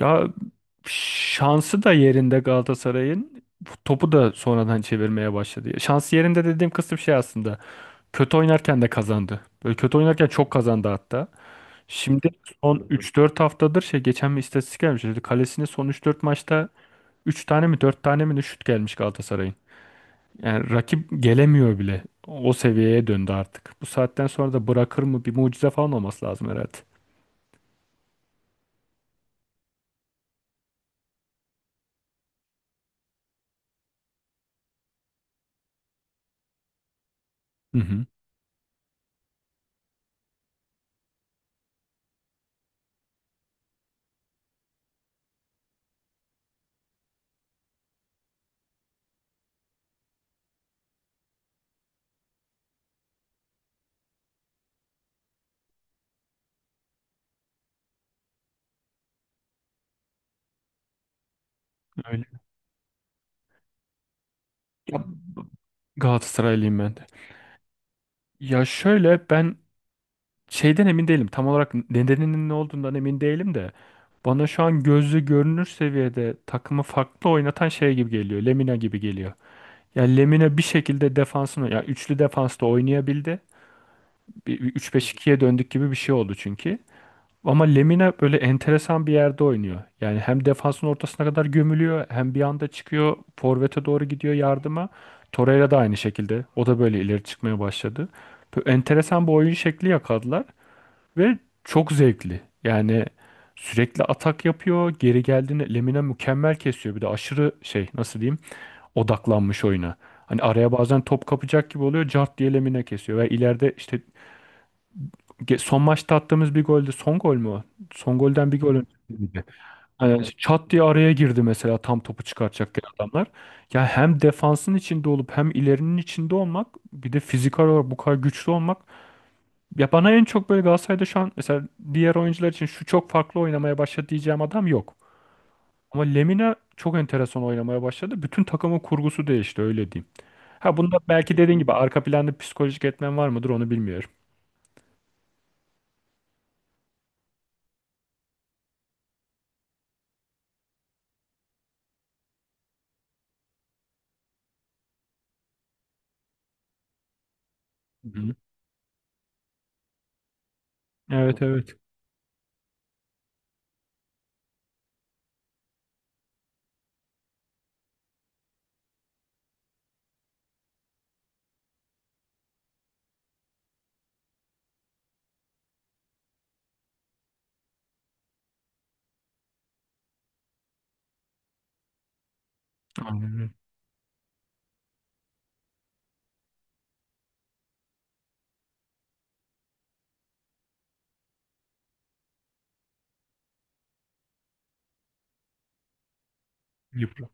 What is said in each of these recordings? Ya şansı da yerinde Galatasaray'ın topu da sonradan çevirmeye başladı. Şansı yerinde dediğim kısım şey aslında. Kötü oynarken de kazandı. Böyle kötü oynarken çok kazandı hatta. Şimdi son üç dört haftadır şey geçen bir istatistik gelmiş. Dedi, kalesine son üç dört maçta üç tane mi 4 tane mi ne şut gelmiş Galatasaray'ın. Yani rakip gelemiyor bile. O seviyeye döndü artık. Bu saatten sonra da bırakır mı bir mucize falan olması lazım herhalde. Hı hı. Öyle. Ya, Galatasaraylıyım ben de. Ya şöyle ben şeyden emin değilim. Tam olarak nedeninin ne olduğundan emin değilim de bana şu an gözle görünür seviyede takımı farklı oynatan şey gibi geliyor. Lemina gibi geliyor. Yani Lemina bir şekilde defansını ya üçlü defansta oynayabildi. Bir 3-5-2'ye döndük gibi bir şey oldu çünkü. Ama Lemina böyle enteresan bir yerde oynuyor. Yani hem defansın ortasına kadar gömülüyor, hem bir anda çıkıyor, forvete doğru gidiyor yardıma. Torreira da aynı şekilde. O da böyle ileri çıkmaya başladı. Böyle enteresan bir oyun şekli yakaladılar. Ve çok zevkli. Yani sürekli atak yapıyor. Geri geldiğinde Lemina mükemmel kesiyor. Bir de aşırı şey nasıl diyeyim odaklanmış oyuna. Hani araya bazen top kapacak gibi oluyor. Cart diye Lemina kesiyor. Ve ileride işte son maçta attığımız bir golde son gol mü o? Son golden bir gol önce girdi. Hani çat diye araya girdi mesela tam topu çıkartacakken adamlar. Ya hem defansın içinde olup hem ilerinin içinde olmak bir de fiziksel olarak bu kadar güçlü olmak ya bana en çok böyle Galatasaray'da şu an mesela diğer oyuncular için şu çok farklı oynamaya başladı diyeceğim adam yok. Ama Lemina çok enteresan oynamaya başladı. Bütün takımın kurgusu değişti öyle diyeyim. Ha bunda belki dediğin gibi arka planda psikolojik etmen var mıdır onu bilmiyorum. Hı hı. Evet evet. Aynen öyle. Yıpra-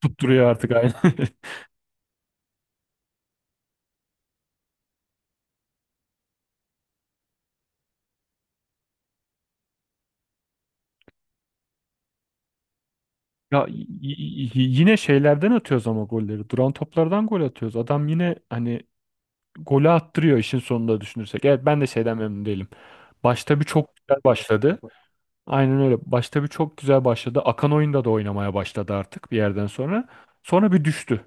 Tutturuyor artık aynen. Ya yine şeylerden atıyoruz ama golleri. Duran toplardan gol atıyoruz. Adam yine hani golü attırıyor işin sonunda düşünürsek. Evet ben de şeyden memnun değilim. Başta bir çok güzel başladı. Aynen öyle. Başta bir çok güzel başladı. Akan oyunda da oynamaya başladı artık bir yerden sonra. Sonra bir düştü.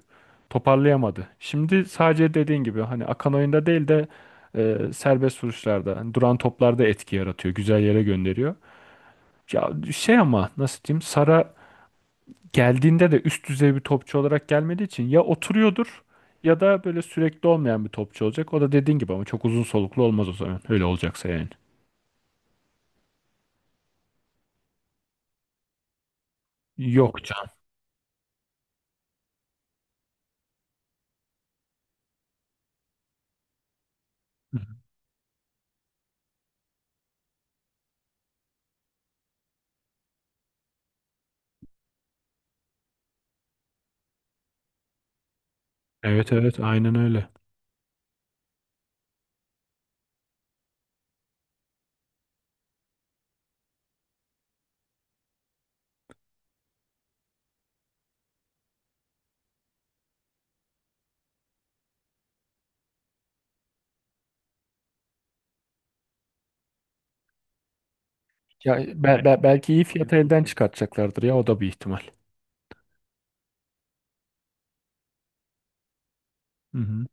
Toparlayamadı. Şimdi sadece dediğin gibi hani akan oyunda değil de serbest vuruşlarda, hani duran toplarda etki yaratıyor. Güzel yere gönderiyor. Ya şey ama nasıl diyeyim? Sara geldiğinde de üst düzey bir topçu olarak gelmediği için ya oturuyordur ya da böyle sürekli olmayan bir topçu olacak. O da dediğin gibi ama çok uzun soluklu olmaz o zaman. Öyle olacaksa yani. Yok canım. Evet evet aynen öyle. Ya belki iyi fiyata elden çıkartacaklardır ya o da bir ihtimal. Hı hı.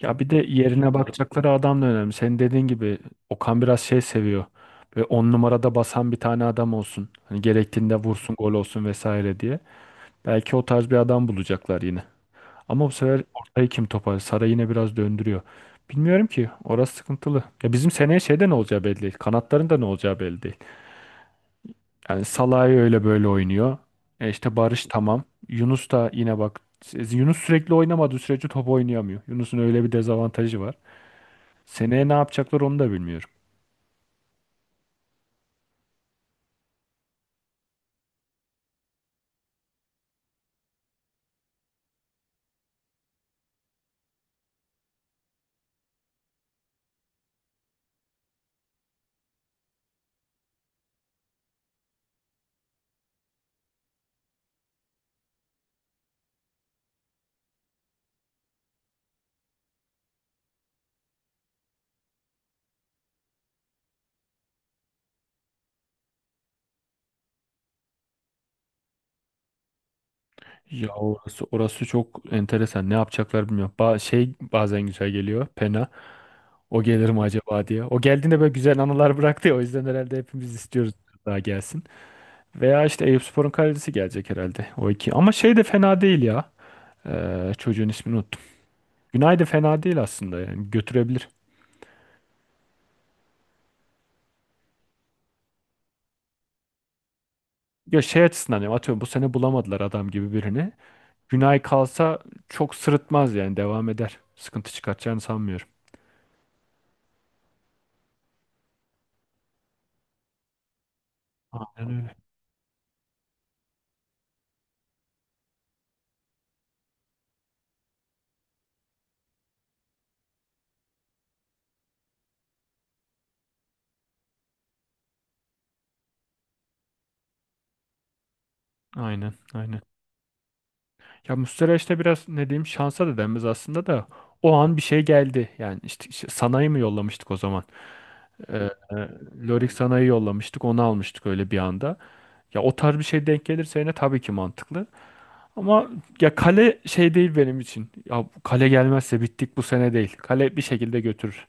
Ya bir de yerine bakacakları adam da önemli. Senin dediğin gibi Okan biraz şey seviyor. Ve on numarada basan bir tane adam olsun. Hani gerektiğinde vursun, gol olsun vesaire diye. Belki o tarz bir adam bulacaklar yine. Ama bu sefer ortayı kim topar? Saray yine biraz döndürüyor. Bilmiyorum ki. Orası sıkıntılı. Ya bizim seneye şeyde ne olacağı belli değil. Kanatların da ne olacağı belli değil. Yani Salah'ı öyle böyle oynuyor. E işte Barış tamam. Yunus da yine bak Yunus sürekli oynamadığı sürece top oynayamıyor. Yunus'un öyle bir dezavantajı var. Seneye ne yapacaklar onu da bilmiyorum. Ya orası, orası çok enteresan. Ne yapacaklar bilmiyorum. Şey bazen güzel geliyor. Pena. O gelir mi acaba diye. O geldiğinde böyle güzel anılar bıraktı ya. O yüzden herhalde hepimiz istiyoruz daha gelsin. Veya işte Eyüpspor'un kalecisi gelecek herhalde. O iki. Ama şey de fena değil ya. Çocuğun ismini unuttum. Günay da fena değil aslında yani götürebilir. Ya şey açısından diyorum, atıyorum bu sene bulamadılar adam gibi birini. Günay kalsa çok sırıtmaz yani devam eder. Sıkıntı çıkartacağını sanmıyorum. Aynen öyle. Aynen aynen. Ya Muslera işte biraz ne diyeyim şansa da denmez aslında da o an bir şey geldi. Yani işte, işte Sanay'ı mı yollamıştık o zaman? Ee, e, Lorik Sanay'ı yollamıştık onu almıştık öyle bir anda. Ya o tarz bir şey denk gelirse yine tabii ki mantıklı. Ama ya kale şey değil benim için. Ya bu kale gelmezse bittik bu sene değil. Kale bir şekilde götürür.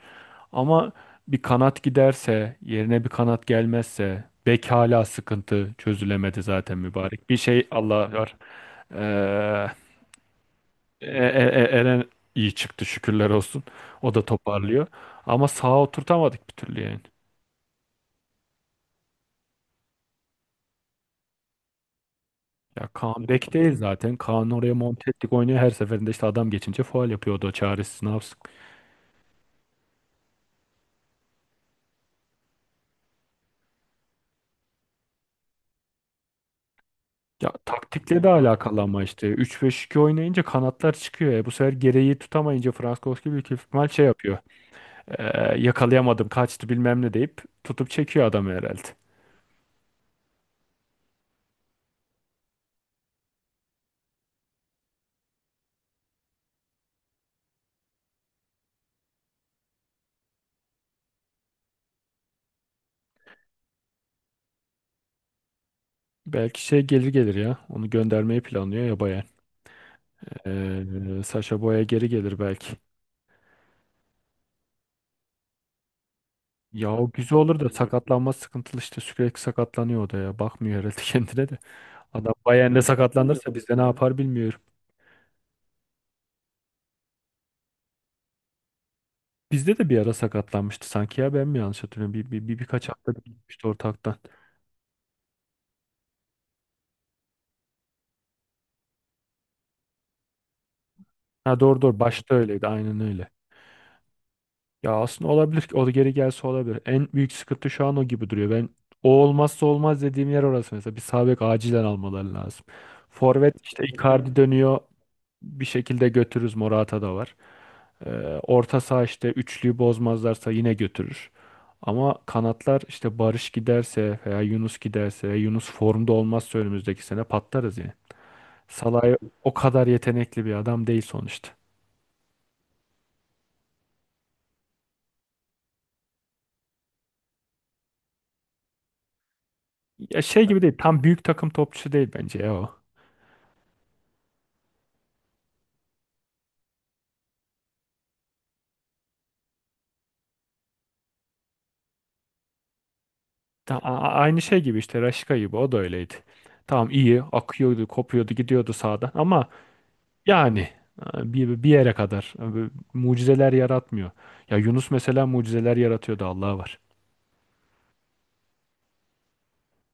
Ama bir kanat giderse, yerine bir kanat gelmezse, bek hala sıkıntı çözülemedi zaten mübarek. Bir şey Allah var. Ee, Eren iyi çıktı şükürler olsun. O da toparlıyor. Ama sağa oturtamadık bir türlü yani. Ya Kaan bek değil zaten. Kaan oraya monte ettik oynuyor. Her seferinde işte adam geçince faul yapıyordu. O çaresiz ne yapsın. Ya taktikle de alakalı ama işte. üç 5 2 oynayınca kanatlar çıkıyor. E, bu sefer gereği tutamayınca Frankowski büyük ihtimal şey yapıyor. Ee, yakalayamadım kaçtı bilmem ne deyip tutup çekiyor adamı herhalde. Belki şey gelir gelir ya. Onu göndermeyi planlıyor ya Bayern. Sacha Boey geri gelir belki. Ya o güzel olur da bilmiyorum. Sakatlanma sıkıntılı işte sürekli sakatlanıyor o da ya. Bakmıyor herhalde kendine de. Adam Bayern'de sakatlanırsa bizde ne yapar bilmiyorum. Bizde de bir ara sakatlanmıştı sanki ya ben mi yanlış hatırlıyorum? Birkaç hafta gitmişti ortaktan. Ha doğru doğru başta öyleydi aynen öyle. Ya aslında olabilir ki o da geri gelse olabilir. En büyük sıkıntı şu an o gibi duruyor. Ben o olmazsa olmaz dediğim yer orası mesela. Bir sağ bek acilen almaları lazım. Forvet işte Icardi dönüyor. Bir şekilde götürürüz. Morata da var. Ee, orta saha işte üçlüyü bozmazlarsa yine götürür. Ama kanatlar işte Barış giderse veya Yunus giderse Yunus formda olmazsa önümüzdeki sene patlarız yani. Salah'ı o kadar yetenekli bir adam değil sonuçta. Ya şey gibi değil. Tam büyük takım topçusu değil bence ya o. Aynı şey gibi işte Raşka gibi o da öyleydi. Tamam iyi akıyordu, kopuyordu, gidiyordu sağdan ama yani bir yere kadar mucizeler yaratmıyor. Ya Yunus mesela mucizeler yaratıyordu Allah'a var.